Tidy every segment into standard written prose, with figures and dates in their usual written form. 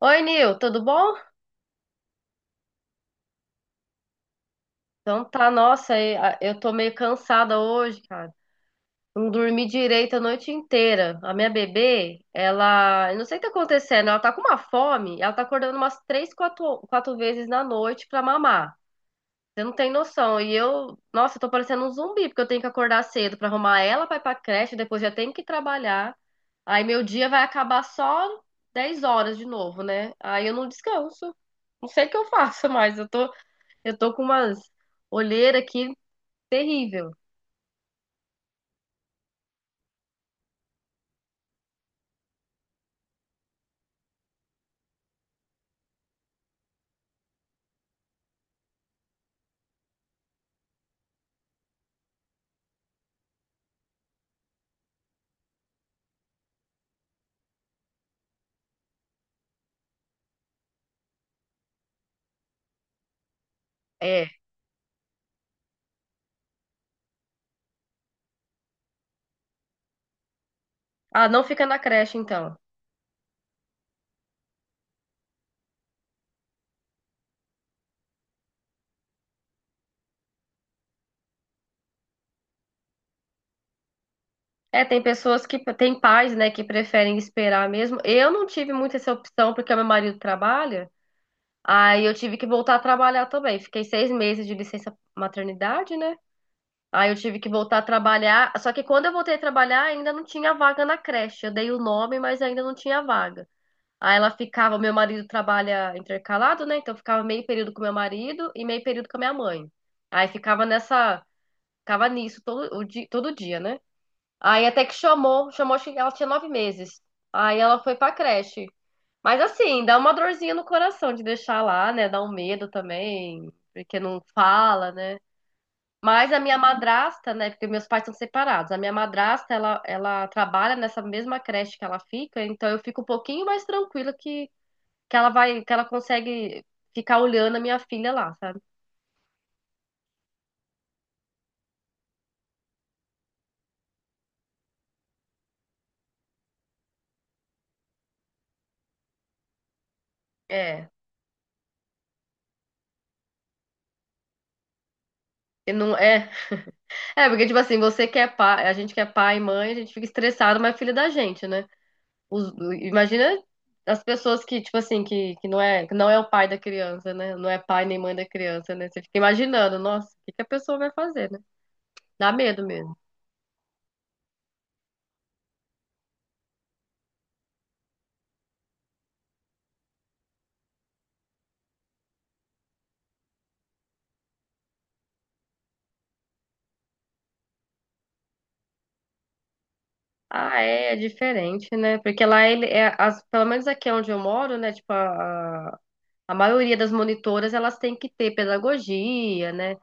Oi, Nil, tudo bom? Então tá, nossa, eu tô meio cansada hoje, cara. Não dormi direito a noite inteira. A minha bebê, ela, eu não sei o que tá acontecendo, ela tá com uma fome, ela tá acordando umas três, quatro vezes na noite pra mamar. Você não tem noção. E eu, nossa, eu tô parecendo um zumbi, porque eu tenho que acordar cedo pra arrumar ela pra ir pra creche, depois já tenho que trabalhar. Aí meu dia vai acabar só 10 horas de novo, né? Aí eu não descanso. Não sei o que eu faço mais. Eu tô com umas olheiras aqui terrível. É. Ah, não fica na creche, então. É, tem pessoas que tem pais, né, que preferem esperar mesmo. Eu não tive muito essa opção porque meu marido trabalha. Aí eu tive que voltar a trabalhar também. Fiquei 6 meses de licença maternidade, né? Aí eu tive que voltar a trabalhar. Só que quando eu voltei a trabalhar, ainda não tinha vaga na creche. Eu dei o nome, mas ainda não tinha vaga. Aí ela ficava, meu marido trabalha intercalado, né? Então ficava meio período com meu marido e meio período com a minha mãe. Aí ficava nessa, ficava nisso todo o dia, todo dia, né? Aí até que chamou, chamou, acho que ela tinha 9 meses. Aí ela foi pra creche. Mas assim, dá uma dorzinha no coração de deixar lá, né? Dá um medo também, porque não fala, né? Mas a minha madrasta, né? Porque meus pais estão separados. A minha madrasta, ela trabalha nessa mesma creche que ela fica, então eu fico um pouquinho mais tranquila que ela vai, que ela consegue ficar olhando a minha filha lá, sabe? É. E não é, é porque tipo assim, você que é pai, a gente que é pai e mãe, a gente fica estressado, mas é filho da gente, né? Os- Imagina as pessoas que tipo assim, que não é o pai da criança, né? Não é pai nem mãe da criança, né? Você fica imaginando, nossa, o que que a pessoa vai fazer, né? Dá medo mesmo. Ah, é, é diferente, né? Porque lá ele é, as, pelo menos aqui onde eu moro, né? Tipo a maioria das monitoras, elas têm que ter pedagogia, né?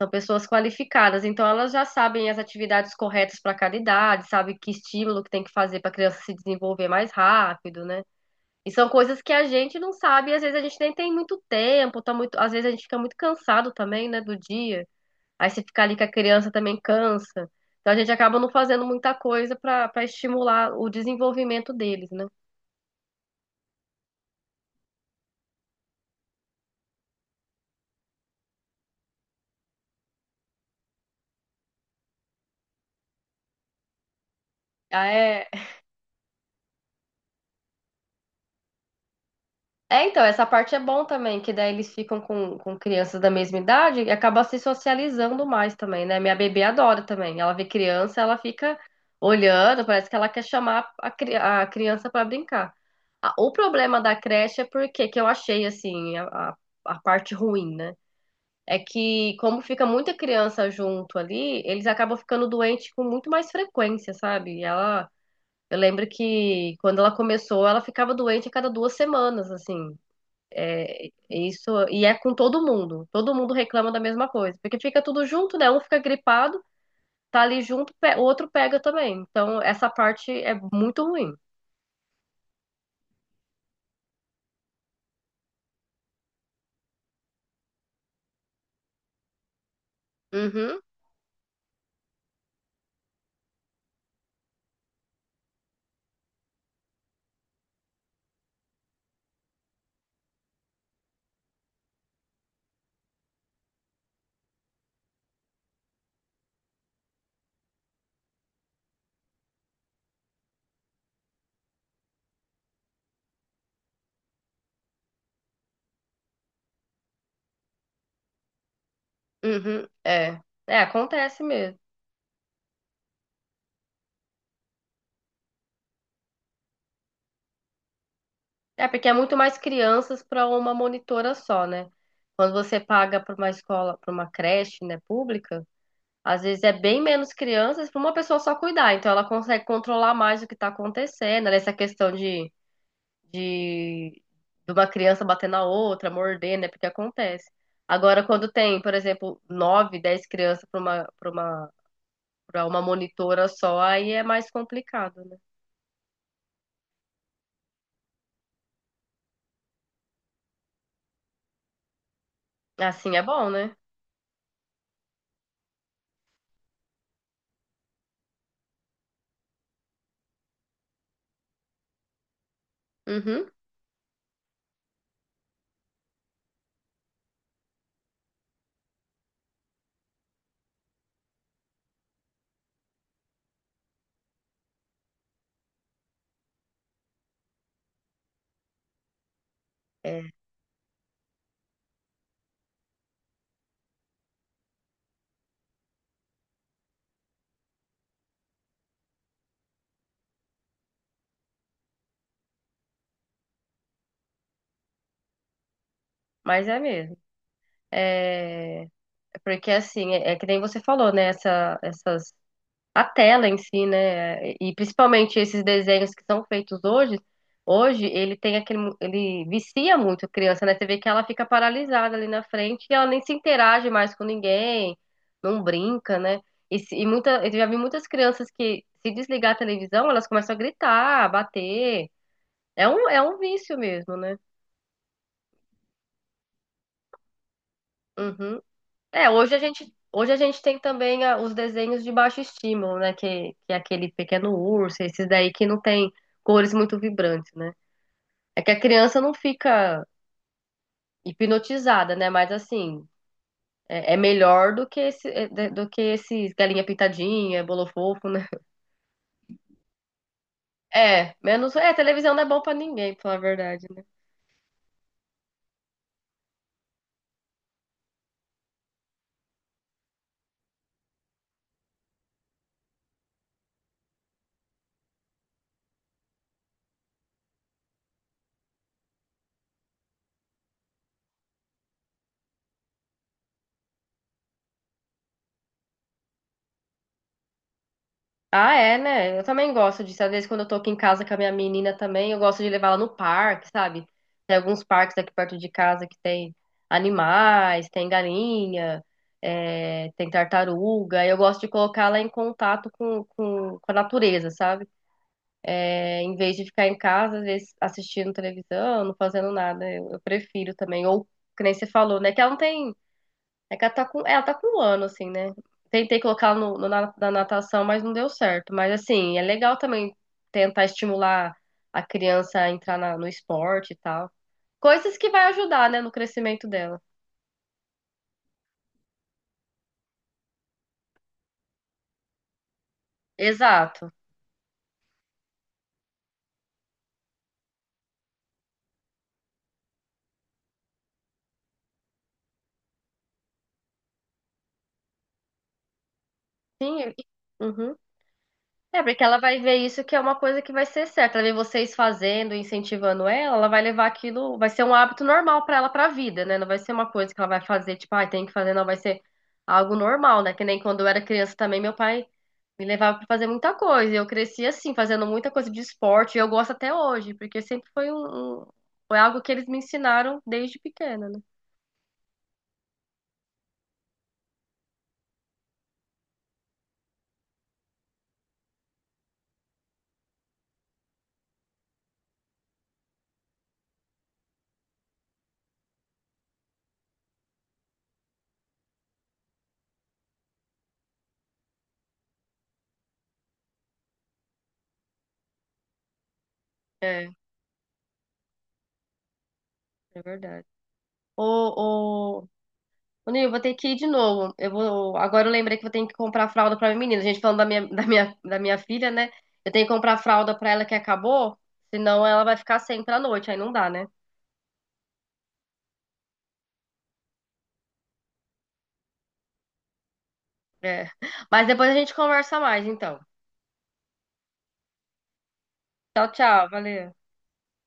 São pessoas qualificadas, então elas já sabem as atividades corretas para cada idade, sabe que estímulo que tem que fazer para a criança se desenvolver mais rápido, né? E são coisas que a gente não sabe, e às vezes a gente nem tem muito tempo, tá muito, às vezes a gente fica muito cansado também, né, do dia. Aí se ficar ali com a criança também cansa. Então a gente acaba não fazendo muita coisa para estimular o desenvolvimento deles, né? Ah, é, então, essa parte é bom também, que daí eles ficam com crianças da mesma idade e acaba se socializando mais também, né? Minha bebê adora também. Ela vê criança, ela fica olhando, parece que ela quer chamar a criança pra brincar. O problema da creche é porque, que eu achei, assim, a parte ruim, né? É que, como fica muita criança junto ali, eles acabam ficando doentes com muito mais frequência, sabe? E ela. Eu lembro que quando ela começou, ela ficava doente a cada 2 semanas, assim. É, isso, e é com todo mundo. Todo mundo reclama da mesma coisa, porque fica tudo junto, né? Um fica gripado, tá ali junto, o outro pega também. Então, essa parte é muito ruim. Uhum, uhum, é. É, acontece mesmo. É, porque é muito mais crianças para uma monitora só, né? Quando você paga para uma escola, para uma creche, né, pública, às vezes é bem menos crianças para uma pessoa só cuidar. Então, ela consegue controlar mais o que está acontecendo, né? Essa questão de de, de, uma criança bater na outra, morder, né? Porque acontece. Agora, quando tem, por exemplo, 9, 10 crianças para uma monitora só, aí é mais complicado, né? Assim é bom, né? Uhum. É, mas é mesmo. É, porque assim, é, é que nem você falou, né? Essa, essas a tela em si, né? E principalmente esses desenhos que são feitos hoje, hoje ele tem aquele, ele vicia muito a criança, né? Você vê que ela fica paralisada ali na frente e ela nem se interage mais com ninguém, não brinca, né? E, se- e muita, eu já vi muitas crianças que se desligar a televisão, elas começam a gritar, a bater. É um vício mesmo, né? Uhum. É, hoje a gente tem também os desenhos de baixo estímulo, né? Que é aquele pequeno urso, esses daí que não tem cores muito vibrantes, né? É que a criança não fica hipnotizada, né? Mas assim, é melhor do que esse, do que esses galinha pintadinha, bolo fofo, né? É, menos. É, televisão não é bom pra ninguém, pra falar a verdade, né. Ah, é, né? Eu também gosto disso. Às vezes, quando eu tô aqui em casa com a minha menina também, eu gosto de levar ela no parque, sabe? Tem alguns parques aqui perto de casa que tem animais, tem galinha, é, tem tartaruga. E eu gosto de colocar ela em contato com a natureza, sabe? É, em vez de ficar em casa, às vezes, assistindo televisão, não fazendo nada. Eu prefiro também. Ou, que nem você falou, né? Que ela não tem é que ela tá com um ano, assim, né? Tentei colocar ela na natação, mas não deu certo. Mas, assim, é legal também tentar estimular a criança a entrar no esporte e tal. Coisas que vai ajudar, né, no crescimento dela. Exato. Sim. Uhum. É, porque ela vai ver isso que é uma coisa que vai ser certa. Ela vê vocês fazendo, incentivando ela, ela vai levar aquilo, vai ser um hábito normal pra ela pra vida, né? Não vai ser uma coisa que ela vai fazer, tipo, ah, tem que fazer, não, vai ser algo normal, né? Que nem quando eu era criança também, meu pai me levava pra fazer muita coisa, e eu cresci assim, fazendo muita coisa de esporte, e eu gosto até hoje, porque sempre foi um, foi algo que eles me ensinaram desde pequena, né? É, é verdade. Ô, ô, Ô, Nil, vou ter que ir de novo. Eu vou, agora eu lembrei que eu tenho que comprar fralda pra minha menina. A gente falando da minha, da minha filha, né? Eu tenho que comprar fralda pra ela que acabou, senão ela vai ficar sem pra noite, aí não dá, né? É. Mas depois a gente conversa mais, então. Tchau, tchau, valeu.